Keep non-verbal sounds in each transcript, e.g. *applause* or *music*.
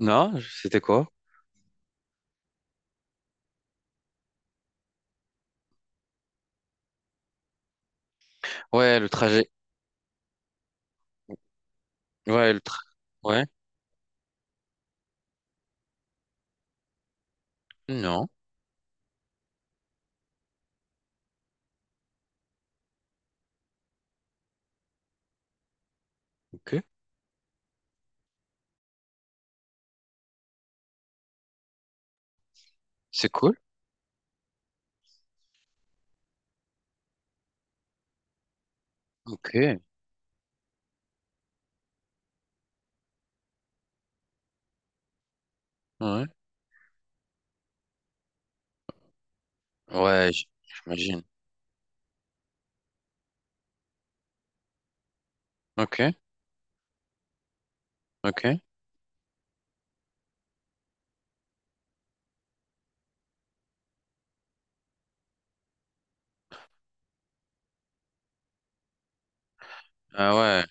Non, c'était quoi? Ouais, le trajet. Ouais, le tra... Ouais. Non, ok. C'est cool. Ok. Ouais. J'imagine. Ok, ok. Ah ouais.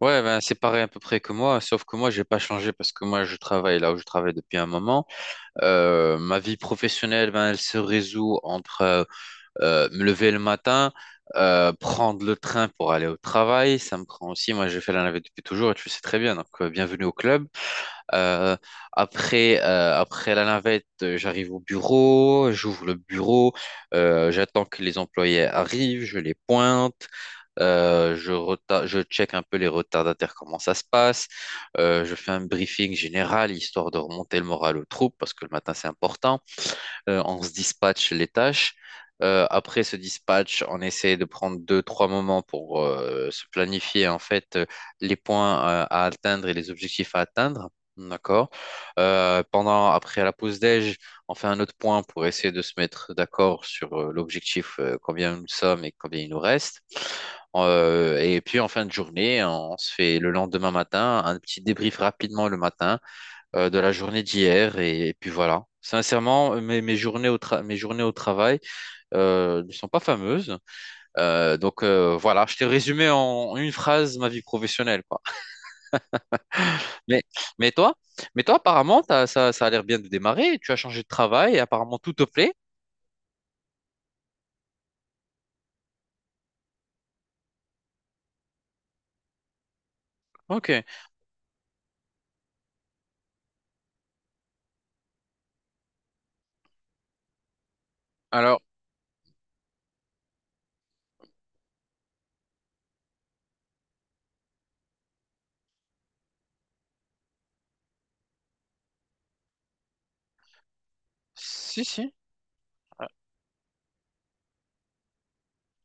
Ouais, ben c'est pareil à peu près que moi, sauf que moi, j'ai pas changé parce que moi, je travaille là où je travaille depuis un moment. Ma vie professionnelle, ben, elle se résout entre me lever le matin, prendre le train pour aller au travail. Ça me prend aussi, moi, j'ai fait la navette depuis toujours et tu le sais très bien, donc bienvenue au club. Euh, après, après la navette, j'arrive au bureau, j'ouvre le bureau, j'attends que les employés arrivent, je les pointe. Je check un peu les retardataires, comment ça se passe. Je fais un briefing général, histoire de remonter le moral aux troupes, parce que le matin, c'est important. On se dispatche les tâches. Après ce dispatch, on essaie de prendre deux, trois moments pour se planifier en fait, les points à atteindre et les objectifs à atteindre. D'accord. Pendant, après la pause déj, on fait un autre point pour essayer de se mettre d'accord sur l'objectif, combien nous sommes et combien il nous reste. Et puis en fin de journée, on se fait le lendemain matin un petit débrief rapidement le matin, de la journée d'hier et puis voilà. Sincèrement, mes journées au travail ne sont pas fameuses. Donc, voilà, je t'ai résumé en une phrase ma vie professionnelle, quoi. Mais, mais toi, mais toi, apparemment, ça, ça a l'air bien de démarrer. Tu as changé de travail et apparemment tout te plaît. Ok. Alors, si, si.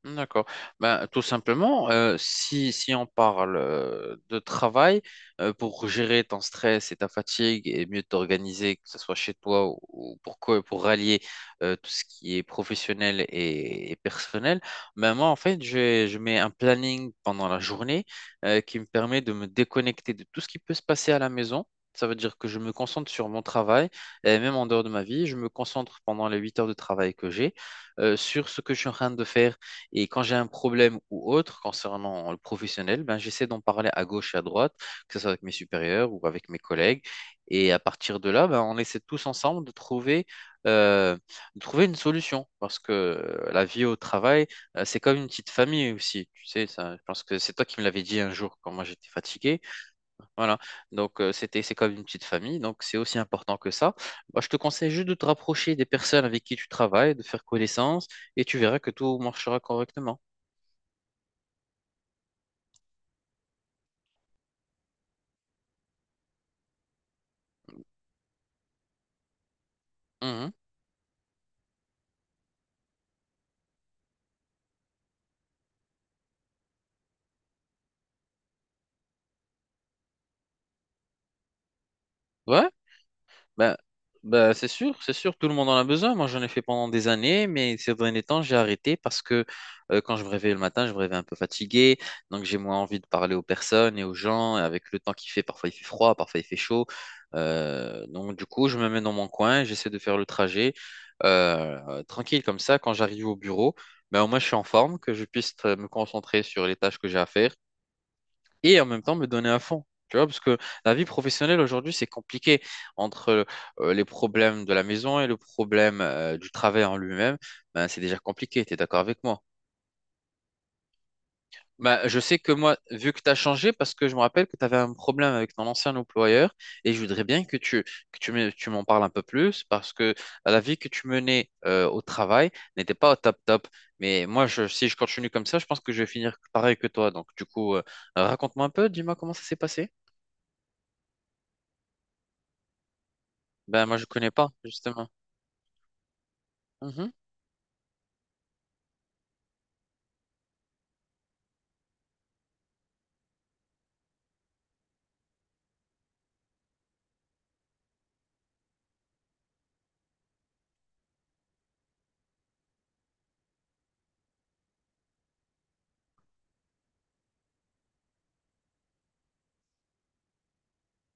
D'accord. Ben, tout simplement, si on parle de travail, pour gérer ton stress et ta fatigue et mieux t'organiser, que ce soit chez toi ou pour, pour rallier tout ce qui est professionnel et personnel, ben moi, en fait, je mets un planning pendant la journée qui me permet de me déconnecter de tout ce qui peut se passer à la maison. Ça veut dire que je me concentre sur mon travail, et même en dehors de ma vie, je me concentre pendant les 8 heures de travail que j'ai sur ce que je suis en train de faire, et quand j'ai un problème ou autre concernant le professionnel, ben, j'essaie d'en parler à gauche et à droite, que ce soit avec mes supérieurs ou avec mes collègues. Et à partir de là, ben, on essaie tous ensemble de euh, de trouver une solution. Parce que la vie au travail, c'est comme une petite famille aussi. Tu sais, ça, je pense que c'est toi qui me l'avais dit un jour quand moi j'étais fatigué. Voilà. Donc, c'est comme une petite famille. Donc, c'est aussi important que ça. Moi, je te conseille juste de te rapprocher des personnes avec qui tu travailles, de faire connaissance, et tu verras que tout marchera correctement. Mhm. Ouais, bah, bah, c'est sûr, tout le monde en a besoin. Moi, j'en ai fait pendant des années, mais ces derniers temps, j'ai arrêté parce que quand je me réveille le matin, je me réveille un peu fatigué, donc j'ai moins envie de parler aux personnes et aux gens. Et avec le temps qu'il fait, parfois il fait froid, parfois il fait chaud. Donc, du coup, je me mets dans mon coin, j'essaie de faire le trajet tranquille comme ça. Quand j'arrive au bureau, ben, au moins, je suis en forme, que je puisse me concentrer sur les tâches que j'ai à faire, et en même temps me donner à fond. Tu vois, parce que la vie professionnelle aujourd'hui, c'est compliqué entre les problèmes de la maison et le problème du travail en lui-même. Ben, c'est déjà compliqué, tu es d'accord avec moi? Ben, je sais que moi, vu que tu as changé, parce que je me rappelle que tu avais un problème avec ton ancien employeur, et je voudrais bien que tu, tu m'en parles un peu plus, parce que la vie que tu menais au travail n'était pas au top top. Mais moi, je, si je continue comme ça, je pense que je vais finir pareil que toi. Donc, du coup, raconte-moi un peu, dis-moi comment ça s'est passé. Ben, moi, je connais pas, justement. Mhm.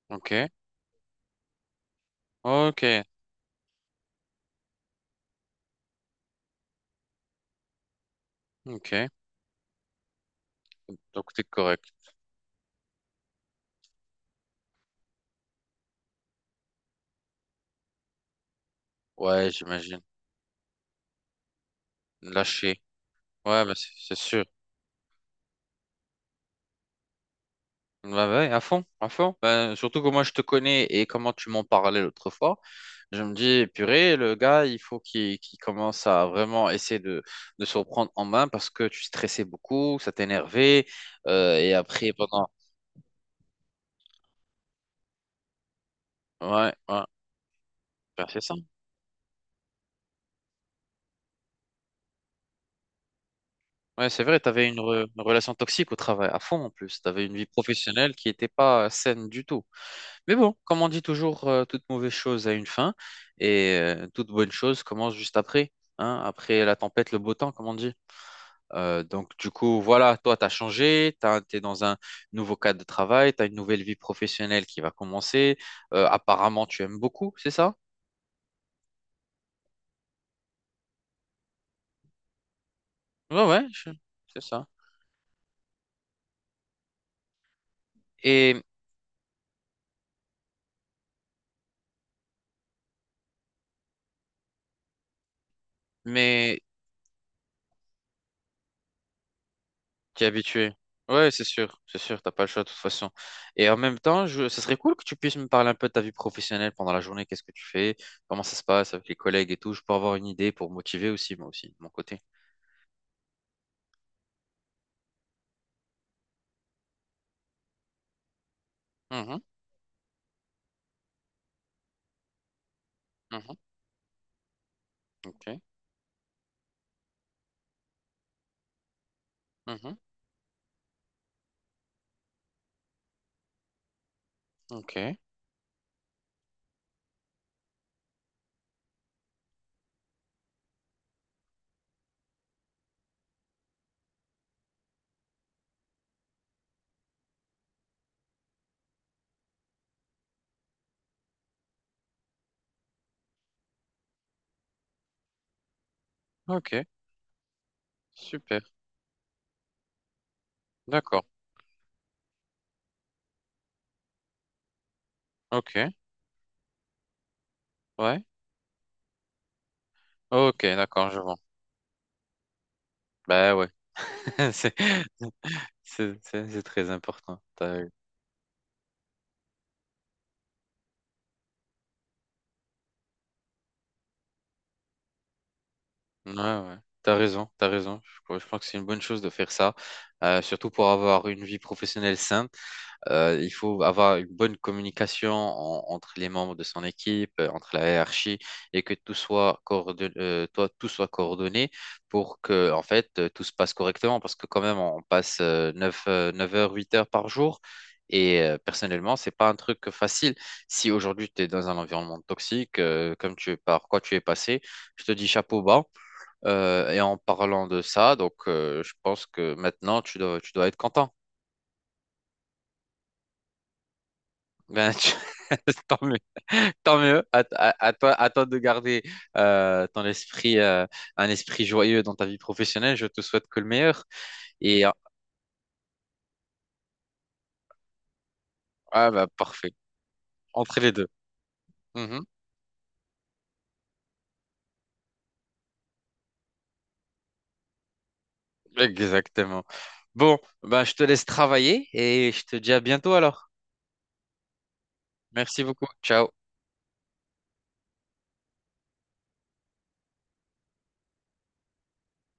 Ok. Ok. Ok. Donc, t'es correct. Ouais, j'imagine. Lâcher. Ouais, ben, c'est sûr. Ouais, ouais, à fond, à fond. Ben, surtout que moi, je te connais et comment tu m'en parlais l'autre fois. Je me dis, purée, le gars, il faut qu'il commence à vraiment essayer de se reprendre en main parce que tu stressais beaucoup, ça t'énervait. Et après, pendant. Ouais, ouais. Ben, c'est ça. Ouais, c'est vrai, tu avais une relation toxique au travail, à fond en plus. Tu avais une vie professionnelle qui n'était pas saine du tout. Mais bon, comme on dit toujours, toute mauvaise chose a une fin et toute bonne chose commence juste après. Hein, après la tempête, le beau temps, comme on dit. Donc, du coup, voilà, toi, tu as changé, tu es dans un nouveau cadre de travail, tu as une nouvelle vie professionnelle qui va commencer. Apparemment, tu aimes beaucoup, c'est ça? Ouais, c'est ça. Et, mais t'es habitué. Ouais, c'est sûr, t'as pas le choix de toute façon. Et en même temps, je... ça serait cool que tu puisses me parler un peu de ta vie professionnelle pendant la journée. Qu'est-ce que tu fais? Comment ça se passe avec les collègues et tout? Je peux avoir une idée pour motiver aussi, moi aussi, de mon côté. Mhm, mhm, ok, mhm, ok, ok, super, d'accord, ok, ouais, ok, d'accord, je vois. Bah ouais, *laughs* c'est c'est très important. T'as... Ouais, ouais. T'as raison, t'as raison. Crois je pense que c'est une bonne chose de faire ça, surtout pour avoir une vie professionnelle saine. Il faut avoir une bonne communication entre les membres de son équipe, entre la hiérarchie, et que tout soit coordonné, tout soit coordonné pour que, en fait, tout se passe correctement. Parce que quand même, on passe 9 heures, 8 heures par jour. Et personnellement, c'est pas un truc facile. Si aujourd'hui tu es dans un environnement toxique, comme tu par quoi tu es passé, je te dis chapeau bas. Et en parlant de ça, donc je pense que maintenant tu dois être content. Ben, tu- *laughs* tant mieux. Tant mieux, à, à toi de garder ton esprit, un esprit joyeux dans ta vie professionnelle. Je te souhaite que le meilleur. Et ah bah parfait, entre les deux. Mhm. Exactement. Bon, bah, je te laisse travailler et je te dis à bientôt alors. Merci beaucoup. Ciao.